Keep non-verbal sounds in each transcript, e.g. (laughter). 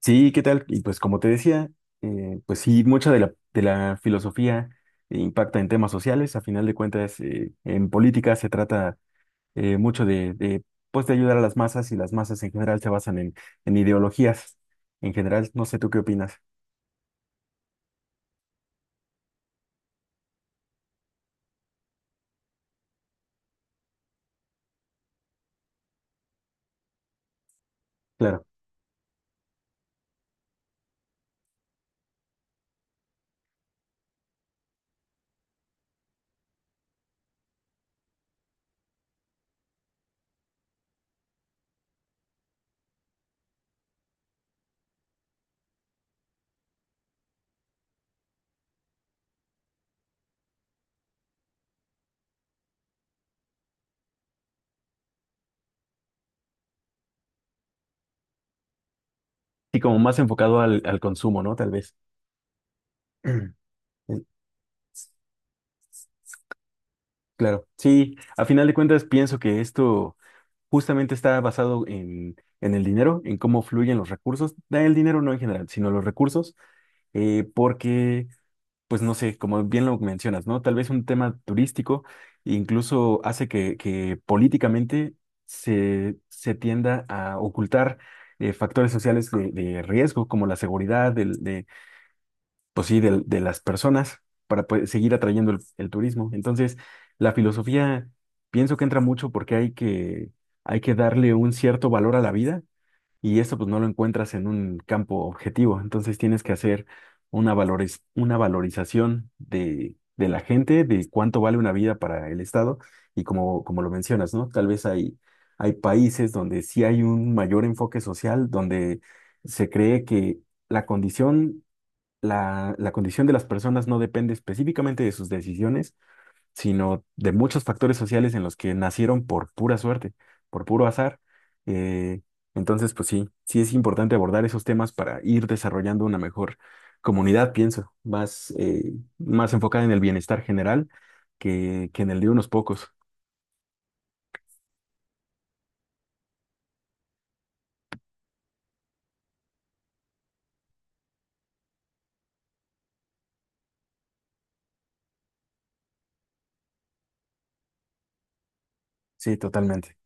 Sí, ¿qué tal? Y pues como te decía, pues sí, mucha de la filosofía impacta en temas sociales. A final de cuentas, en política se trata eh, mucho de, de, pues de ayudar a las masas y las masas en general se basan en ideologías. En general, no sé tú qué opinas. Claro. Y como más enfocado al consumo, ¿no? Tal vez. (clears throat) Eh, Claro. Sí, a final de cuentas pienso que esto justamente está basado en el dinero, en cómo fluyen los recursos. Da El dinero no en general, sino los recursos eh, porque, pues no sé, como bien lo mencionas, ¿no? Tal vez un tema turístico incluso hace que políticamente se tienda a ocultar factores sociales de riesgo, como la seguridad pues sí, las personas, para pues, seguir atrayendo el turismo. Entonces, la filosofía pienso que entra mucho porque hay que darle un cierto valor a la vida y eso pues no lo encuentras en un campo objetivo. Entonces tienes que hacer una valorización de la gente, de cuánto vale una vida para el Estado y como, como lo mencionas, ¿no? Tal vez hay países donde sí hay un mayor enfoque social, donde se cree que la condición, la condición de las personas no depende específicamente de sus decisiones, sino de muchos factores sociales en los que nacieron por pura suerte, por puro azar. Eh, entonces, pues sí, sí es importante abordar esos temas para ir desarrollando una mejor comunidad, pienso, más, más enfocada en el bienestar general que en el de unos pocos. Sí, totalmente.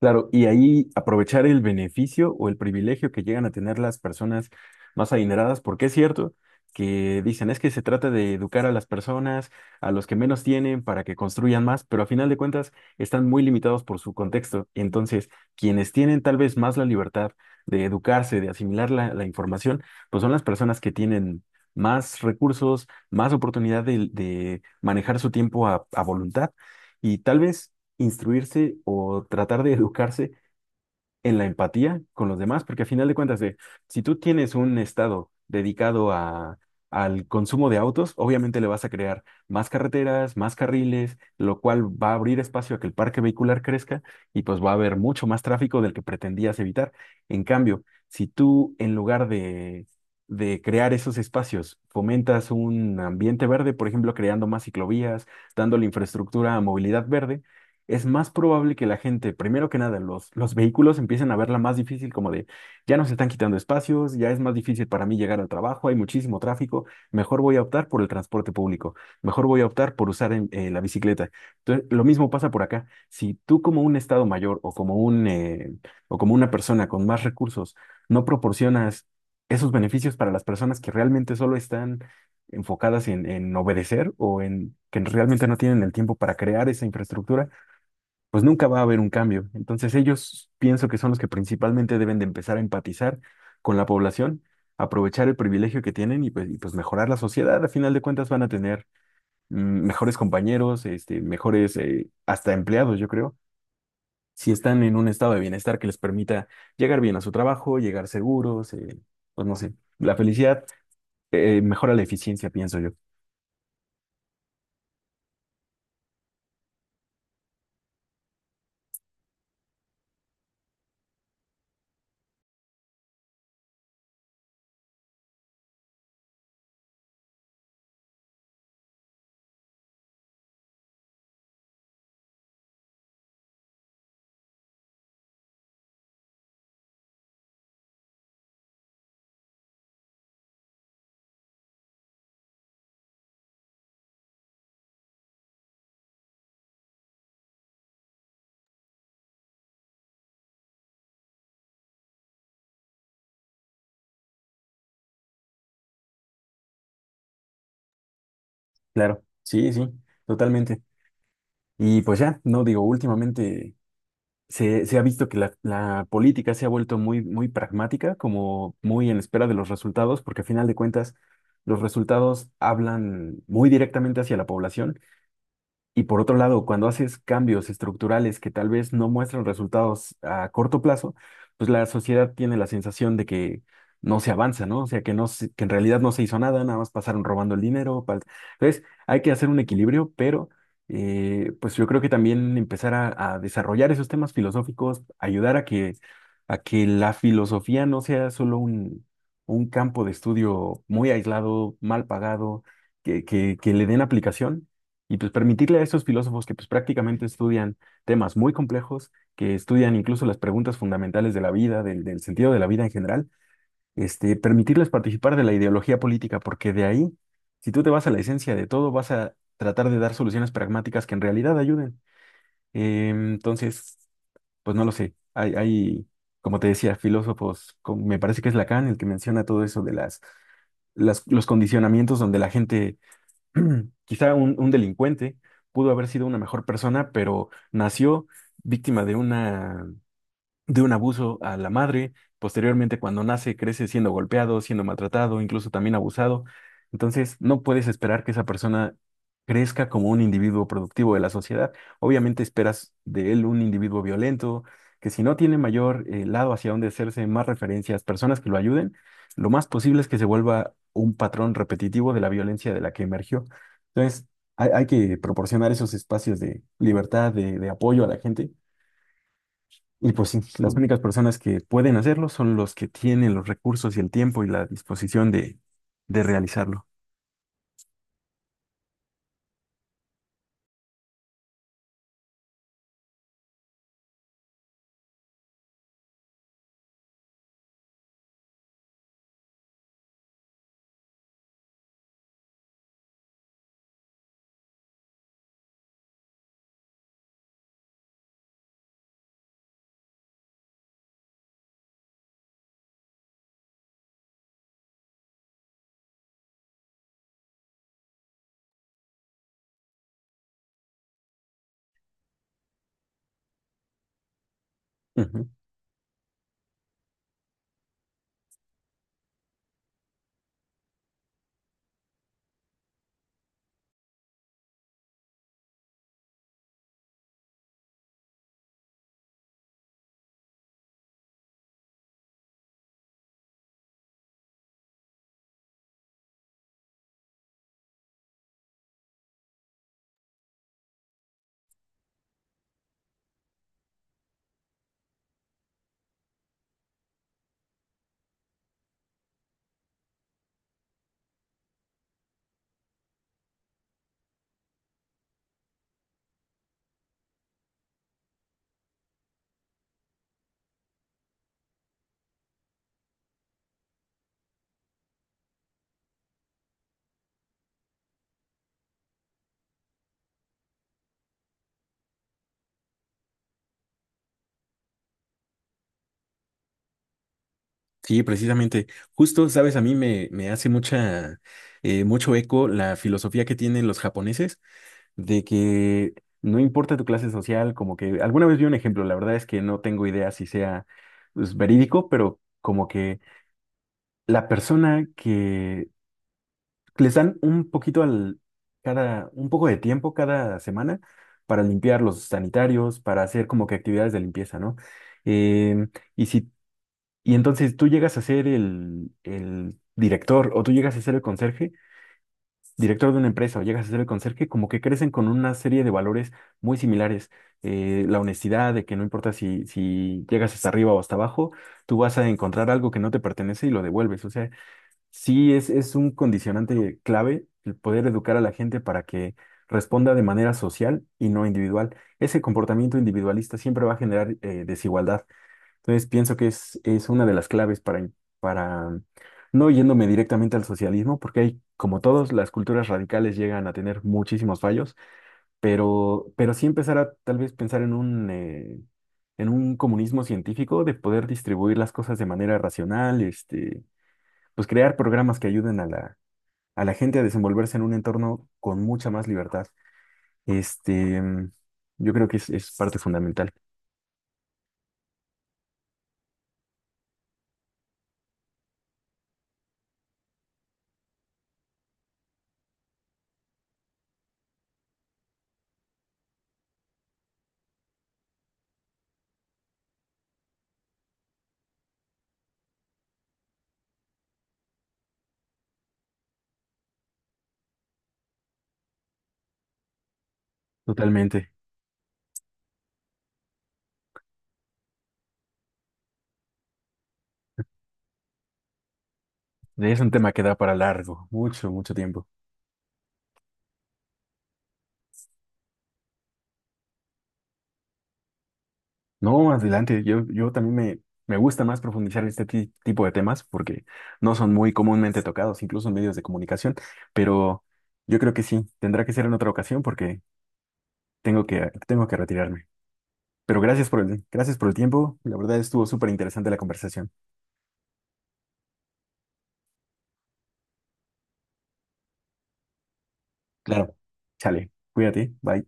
Claro, y ahí aprovechar el beneficio o el privilegio que llegan a tener las personas más adineradas, porque es cierto que dicen es que se trata de educar a las personas, a los que menos tienen, para que construyan más, pero a final de cuentas están muy limitados por su contexto. Entonces, quienes tienen tal vez más la libertad de educarse, de asimilar la información, pues son las personas que tienen más recursos, más oportunidad de manejar su tiempo a voluntad. Y tal vez instruirse o tratar de educarse en la empatía con los demás, porque a final de cuentas, de, si tú tienes un estado dedicado al consumo de autos, obviamente le vas a crear más carreteras, más carriles, lo cual va a abrir espacio a que el parque vehicular crezca y pues va a haber mucho más tráfico del que pretendías evitar. En cambio, si tú en lugar de crear esos espacios, fomentas un ambiente verde, por ejemplo, creando más ciclovías, dando la infraestructura a movilidad verde, es más probable que la gente, primero que nada, los vehículos empiecen a verla más difícil, como de, ya nos están quitando espacios, ya es más difícil para mí llegar al trabajo, hay muchísimo tráfico, mejor voy a optar por el transporte público, mejor voy a optar por usar la bicicleta. Entonces, lo mismo pasa por acá. Si tú como un estado mayor o como o como una persona con más recursos no proporcionas esos beneficios para las personas que realmente solo están enfocadas en obedecer o en que realmente no tienen el tiempo para crear esa infraestructura, pues nunca va a haber un cambio. Entonces ellos pienso que son los que principalmente deben de empezar a empatizar con la población, aprovechar el privilegio que tienen y, pues, mejorar la sociedad. A final de cuentas van a tener mm, mejores compañeros, este, mejores hasta empleados, yo creo, si están en un estado de bienestar que les permita llegar bien a su trabajo, llegar seguros, pues no sé, la felicidad mejora la eficiencia, pienso yo. Claro, sí, sí, totalmente. Y pues ya, no digo, últimamente se ha visto que la política se ha vuelto muy, muy pragmática, como muy en espera de los resultados, porque a final de cuentas los resultados hablan muy directamente hacia la población y por otro lado, cuando haces cambios estructurales que tal vez no muestran resultados a corto plazo, pues la sociedad tiene la sensación de que no se avanza, ¿no? O sea, que en realidad no se hizo nada, nada más pasaron robando el dinero. Entonces, hay que hacer un equilibrio, pero pues yo creo que también empezar a desarrollar esos temas filosóficos, ayudar a a que la filosofía no sea solo un campo de estudio muy aislado, mal pagado, que le den aplicación y pues permitirle a estos filósofos que pues prácticamente estudian temas muy complejos, que estudian incluso las preguntas fundamentales de la vida, del sentido de la vida en general, este, permitirles participar de la ideología política, porque de ahí, si tú te vas a la esencia de todo, vas a tratar de dar soluciones pragmáticas que en realidad ayuden. Entonces, pues no lo sé, hay, como te decía, filósofos, como me parece que es Lacan el que menciona todo eso de los condicionamientos donde la gente (clears throat) Quizá un delincuente pudo haber sido una mejor persona, pero nació víctima de una de un abuso a la madre. Posteriormente, cuando nace, crece siendo golpeado, siendo maltratado, incluso también abusado. Entonces, no puedes esperar que esa persona crezca como un individuo productivo de la sociedad. Obviamente esperas de él un individuo violento, que si no tiene mayor lado hacia donde hacerse, más referencias, personas que lo ayuden, lo más posible es que se vuelva un patrón repetitivo de la violencia de la que emergió. Entonces, hay que proporcionar esos espacios de libertad, de apoyo a la gente y pues sí, las únicas personas que pueden hacerlo son los que tienen los recursos y el tiempo y la disposición de realizarlo. Ujú. Sí, precisamente. Justo, sabes, me hace mucha, mucho eco la filosofía que tienen los japoneses de que no importa tu clase social, como que alguna vez vi un ejemplo, la verdad es que no tengo idea si sea pues, verídico, pero como que la persona que les dan un poquito al, cada, un poco de tiempo cada semana para limpiar los sanitarios, para hacer como que actividades de limpieza, ¿no? Em, y si, y entonces tú llegas a ser el director o tú llegas a ser el conserje, director de una empresa o llegas a ser el conserje, como que crecen con una serie de valores muy similares. La honestidad, de que no importa si, si llegas hasta arriba o hasta abajo, tú vas a encontrar algo que no te pertenece y lo devuelves. O sea, sí, es un condicionante clave el poder educar a la gente para que responda de manera social y no individual. Ese comportamiento individualista siempre va a generar desigualdad. Entonces, pienso que es una de las claves para, para, mm, no yéndome directamente al socialismo, porque hay, como todos, las culturas radicales llegan a tener muchísimos fallos, pero sí empezar a tal vez pensar en en un comunismo científico de poder distribuir las cosas de manera racional, este pues crear programas que ayuden a a la gente a desenvolverse en un entorno con mucha más libertad. Este, mm, yo creo que es parte fundamental, totalmente. Es un tema que da para largo, mucho, mucho tiempo. No, más adelante, yo también me gusta más profundizar en este tipo de temas porque no son muy comúnmente tocados, incluso en medios de comunicación, pero yo creo que sí, tendrá que ser en otra ocasión porque tengo que retirarme. Pero gracias por el tiempo, la verdad estuvo súper interesante la conversación. Claro. Chale, cuídate, bye.